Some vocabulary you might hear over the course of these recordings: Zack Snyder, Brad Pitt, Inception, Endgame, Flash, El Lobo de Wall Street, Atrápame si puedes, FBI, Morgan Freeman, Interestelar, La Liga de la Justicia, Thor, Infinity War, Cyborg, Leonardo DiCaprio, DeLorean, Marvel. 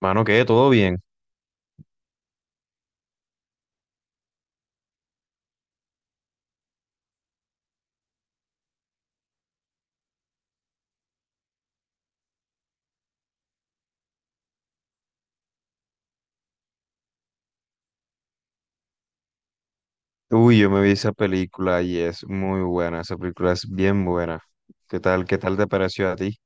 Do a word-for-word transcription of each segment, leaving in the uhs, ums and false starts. Mano, ¿qué? ¿Todo bien? Uy, yo me vi esa película y es muy buena, esa película es bien buena. ¿Qué tal, qué tal te pareció a ti?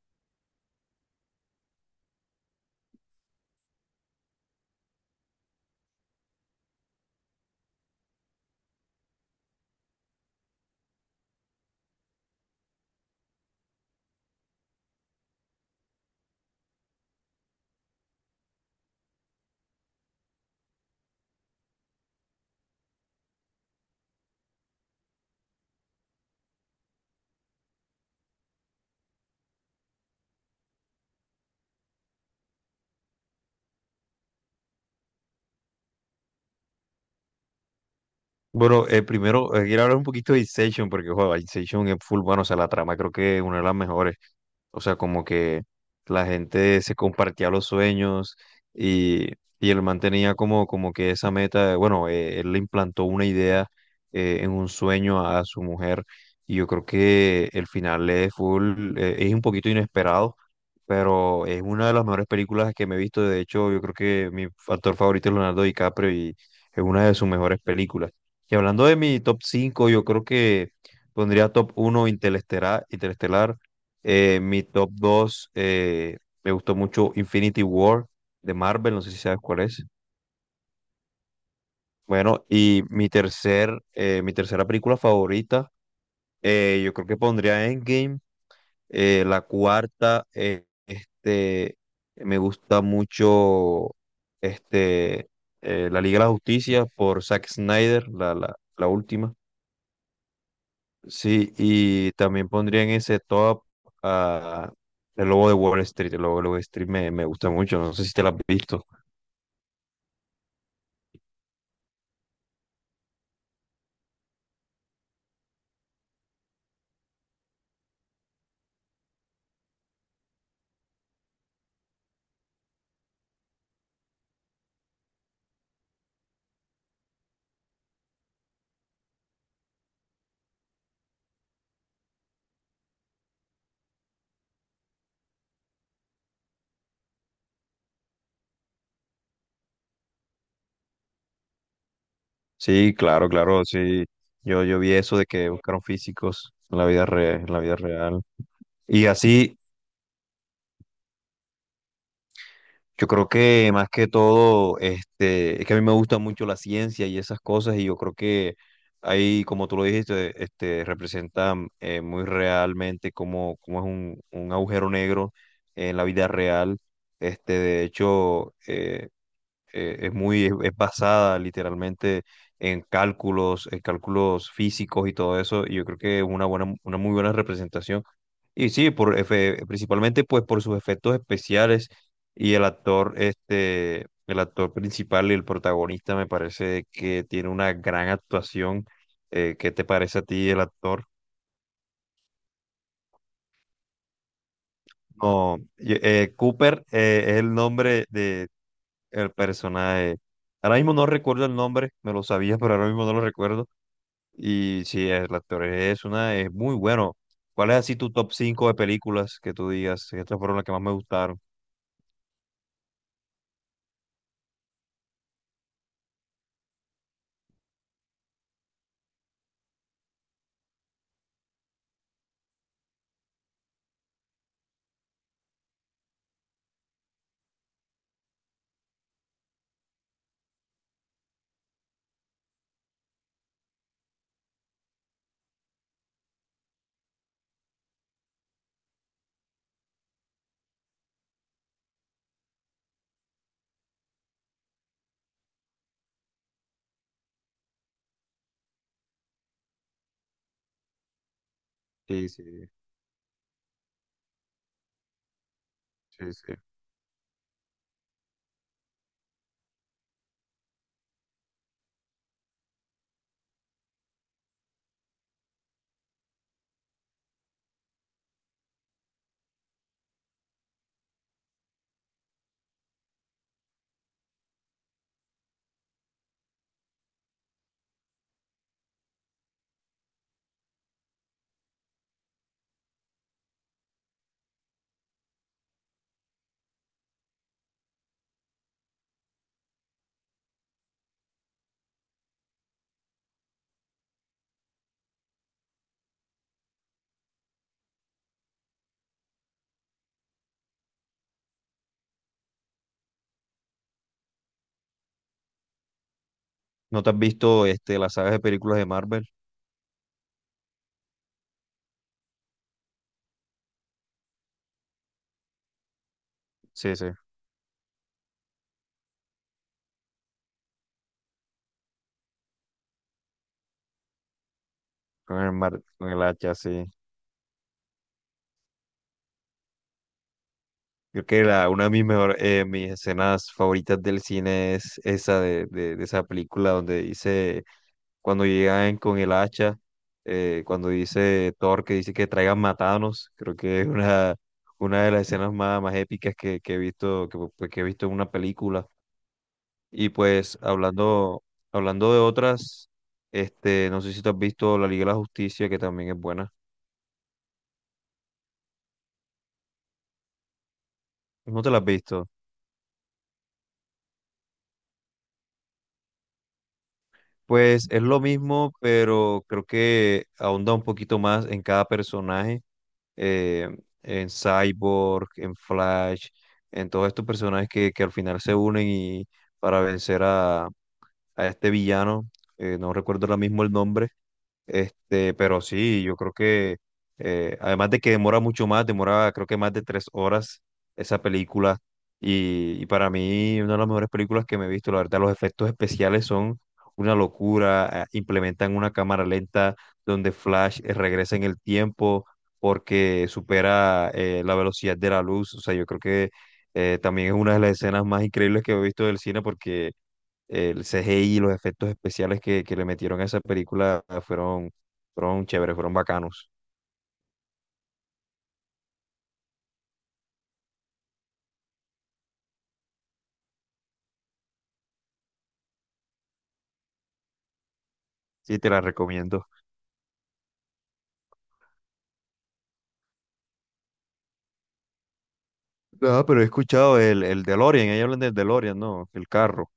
Bueno, eh, primero eh, quiero hablar un poquito de Inception, porque joder, Inception es full bueno, o sea, la trama creo que es una de las mejores. O sea, como que la gente se compartía los sueños y, y el man tenía como, como que esa meta, de- bueno, eh, él le implantó una idea eh, en un sueño a su mujer y yo creo que el final es full, eh, es un poquito inesperado, pero es una de las mejores películas que me he visto. De hecho, yo creo que mi actor favorito es Leonardo DiCaprio y es una de sus mejores películas. Y hablando de mi top cinco yo creo que pondría top uno Interestelar, Interestelar eh, mi top dos eh, me gustó mucho Infinity War de Marvel, no sé si sabes cuál es. Bueno, y mi tercer, eh, mi tercera película favorita, eh, yo creo que pondría Endgame. Eh, la cuarta, eh, este, me gusta mucho este, eh, La Liga de la Justicia por Zack Snyder, la, la, la última. Sí, y también pondría en ese top a El Lobo de Wall Street. El Lobo de Wall Street me, me gusta mucho, no sé si te lo has visto. Sí, claro, claro, sí. Yo, yo vi eso de que buscaron físicos en la vida re- en la vida real. Y así, yo creo que más que todo, este, es que a mí me gusta mucho la ciencia y esas cosas, y yo creo que ahí, como tú lo dijiste, este, representa eh, muy realmente cómo, cómo es un, un agujero negro en la vida real. Este, de hecho, eh, eh, es muy, es, es basada literalmente en cálculos, en cálculos físicos y todo eso, y yo creo que es una buena, una muy buena representación. Y sí, por, efe- principalmente pues por sus efectos especiales y el actor, este, el actor principal y el protagonista me parece que tiene una gran actuación. Eh, ¿qué te parece a ti el actor? No, y- eh, Cooper eh, es el nombre de el personaje. Ahora mismo no recuerdo el nombre, me lo sabía, pero ahora mismo no lo recuerdo. Y sí, el actor es una, es muy bueno. ¿Cuál es así tu top cinco de películas que tú digas? Estas fueron las que más me gustaron. Sí, sí, sí, sí. ¿No te has visto este, las sagas de películas de Marvel? Sí, sí, con el, mar, con el hacha, sí. Creo que la, una de mis, mejor, eh, mis escenas favoritas del cine es esa de, de, de esa película donde dice cuando llegan con el hacha, eh, cuando dice Thor que dice que traigan matanos, creo que es una, una de las escenas más, más épicas que, que he visto, que, pues, que he visto en una película. Y pues hablando, hablando de otras, este, no sé si te has visto La Liga de la Justicia, que también es buena. ¿No te la has visto? Pues es lo mismo, pero creo que ahonda un poquito más en cada personaje, eh, en Cyborg, en Flash, en todos estos personajes que, que al final se unen y para vencer a, a este villano, eh, no recuerdo ahora mismo el nombre, este, pero sí, yo creo que, eh, además de que demora mucho más, demora creo que más de tres horas esa película. Y, y para mí, una de las mejores películas que me he visto, la verdad, los efectos especiales son una locura. eh, Implementan una cámara lenta donde Flash eh, regresa en el tiempo porque supera eh, la velocidad de la luz. O sea, yo creo que eh, también es una de las escenas más increíbles que he visto del cine porque el C G I y los efectos especiales que, que le metieron a esa película fueron, fueron chéveres, fueron bacanos. Sí, te la recomiendo. Ah, pero he escuchado el, el DeLorean, ahí hablan del DeLorean, ¿no? El carro.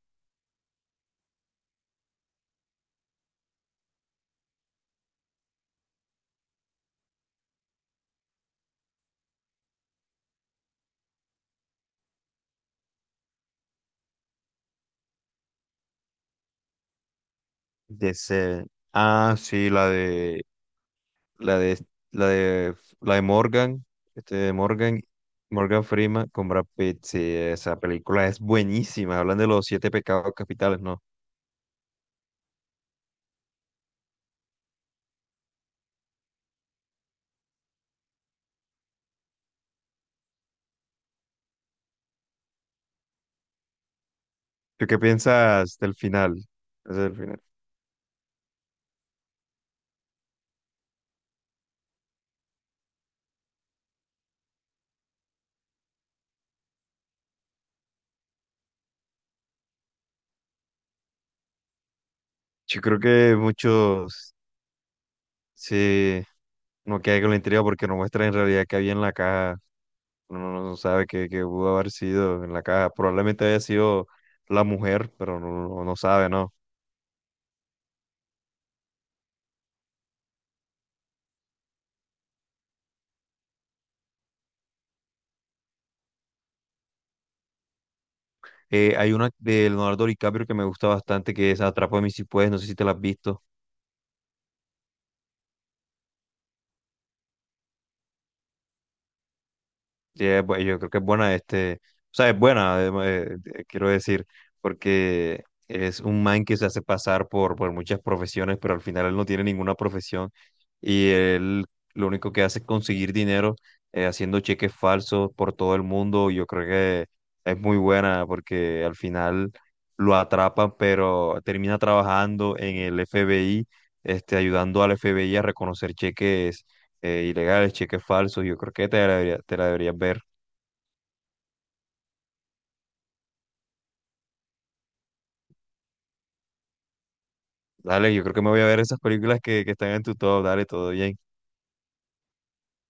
De ese- Ah, sí, la de, la de, la de, la de Morgan, este de Morgan, Morgan Freeman con Brad Pitt. Sí, esa película es buenísima. Hablan de los siete pecados capitales, ¿no? ¿Tú qué piensas del final? Ese es el final. Yo creo que muchos. Sí, no queda con la intriga porque no muestra en realidad qué había en la caja. Uno no, no no sabe qué, qué pudo haber sido en la caja. Probablemente haya sido la mujer, pero no, no, no sabe, ¿no? Eh, hay una de Leonardo DiCaprio que me gusta bastante, que es Atrápame si puedes, no sé si te la has visto. Sí, es bu- yo creo que es buena, este, o sea, es buena, eh, eh, eh, quiero decir, porque es un man que se hace pasar por, por muchas profesiones, pero al final él no tiene ninguna profesión y él lo único que hace es conseguir dinero eh, haciendo cheques falsos por todo el mundo. Yo creo que es muy buena porque al final lo atrapan, pero termina trabajando en el F B I, este, ayudando al F B I a reconocer cheques eh, ilegales, cheques falsos, yo creo que te la debería- te la deberías ver. Dale, yo creo que me voy a ver esas películas que, que están en tu top, dale, todo bien.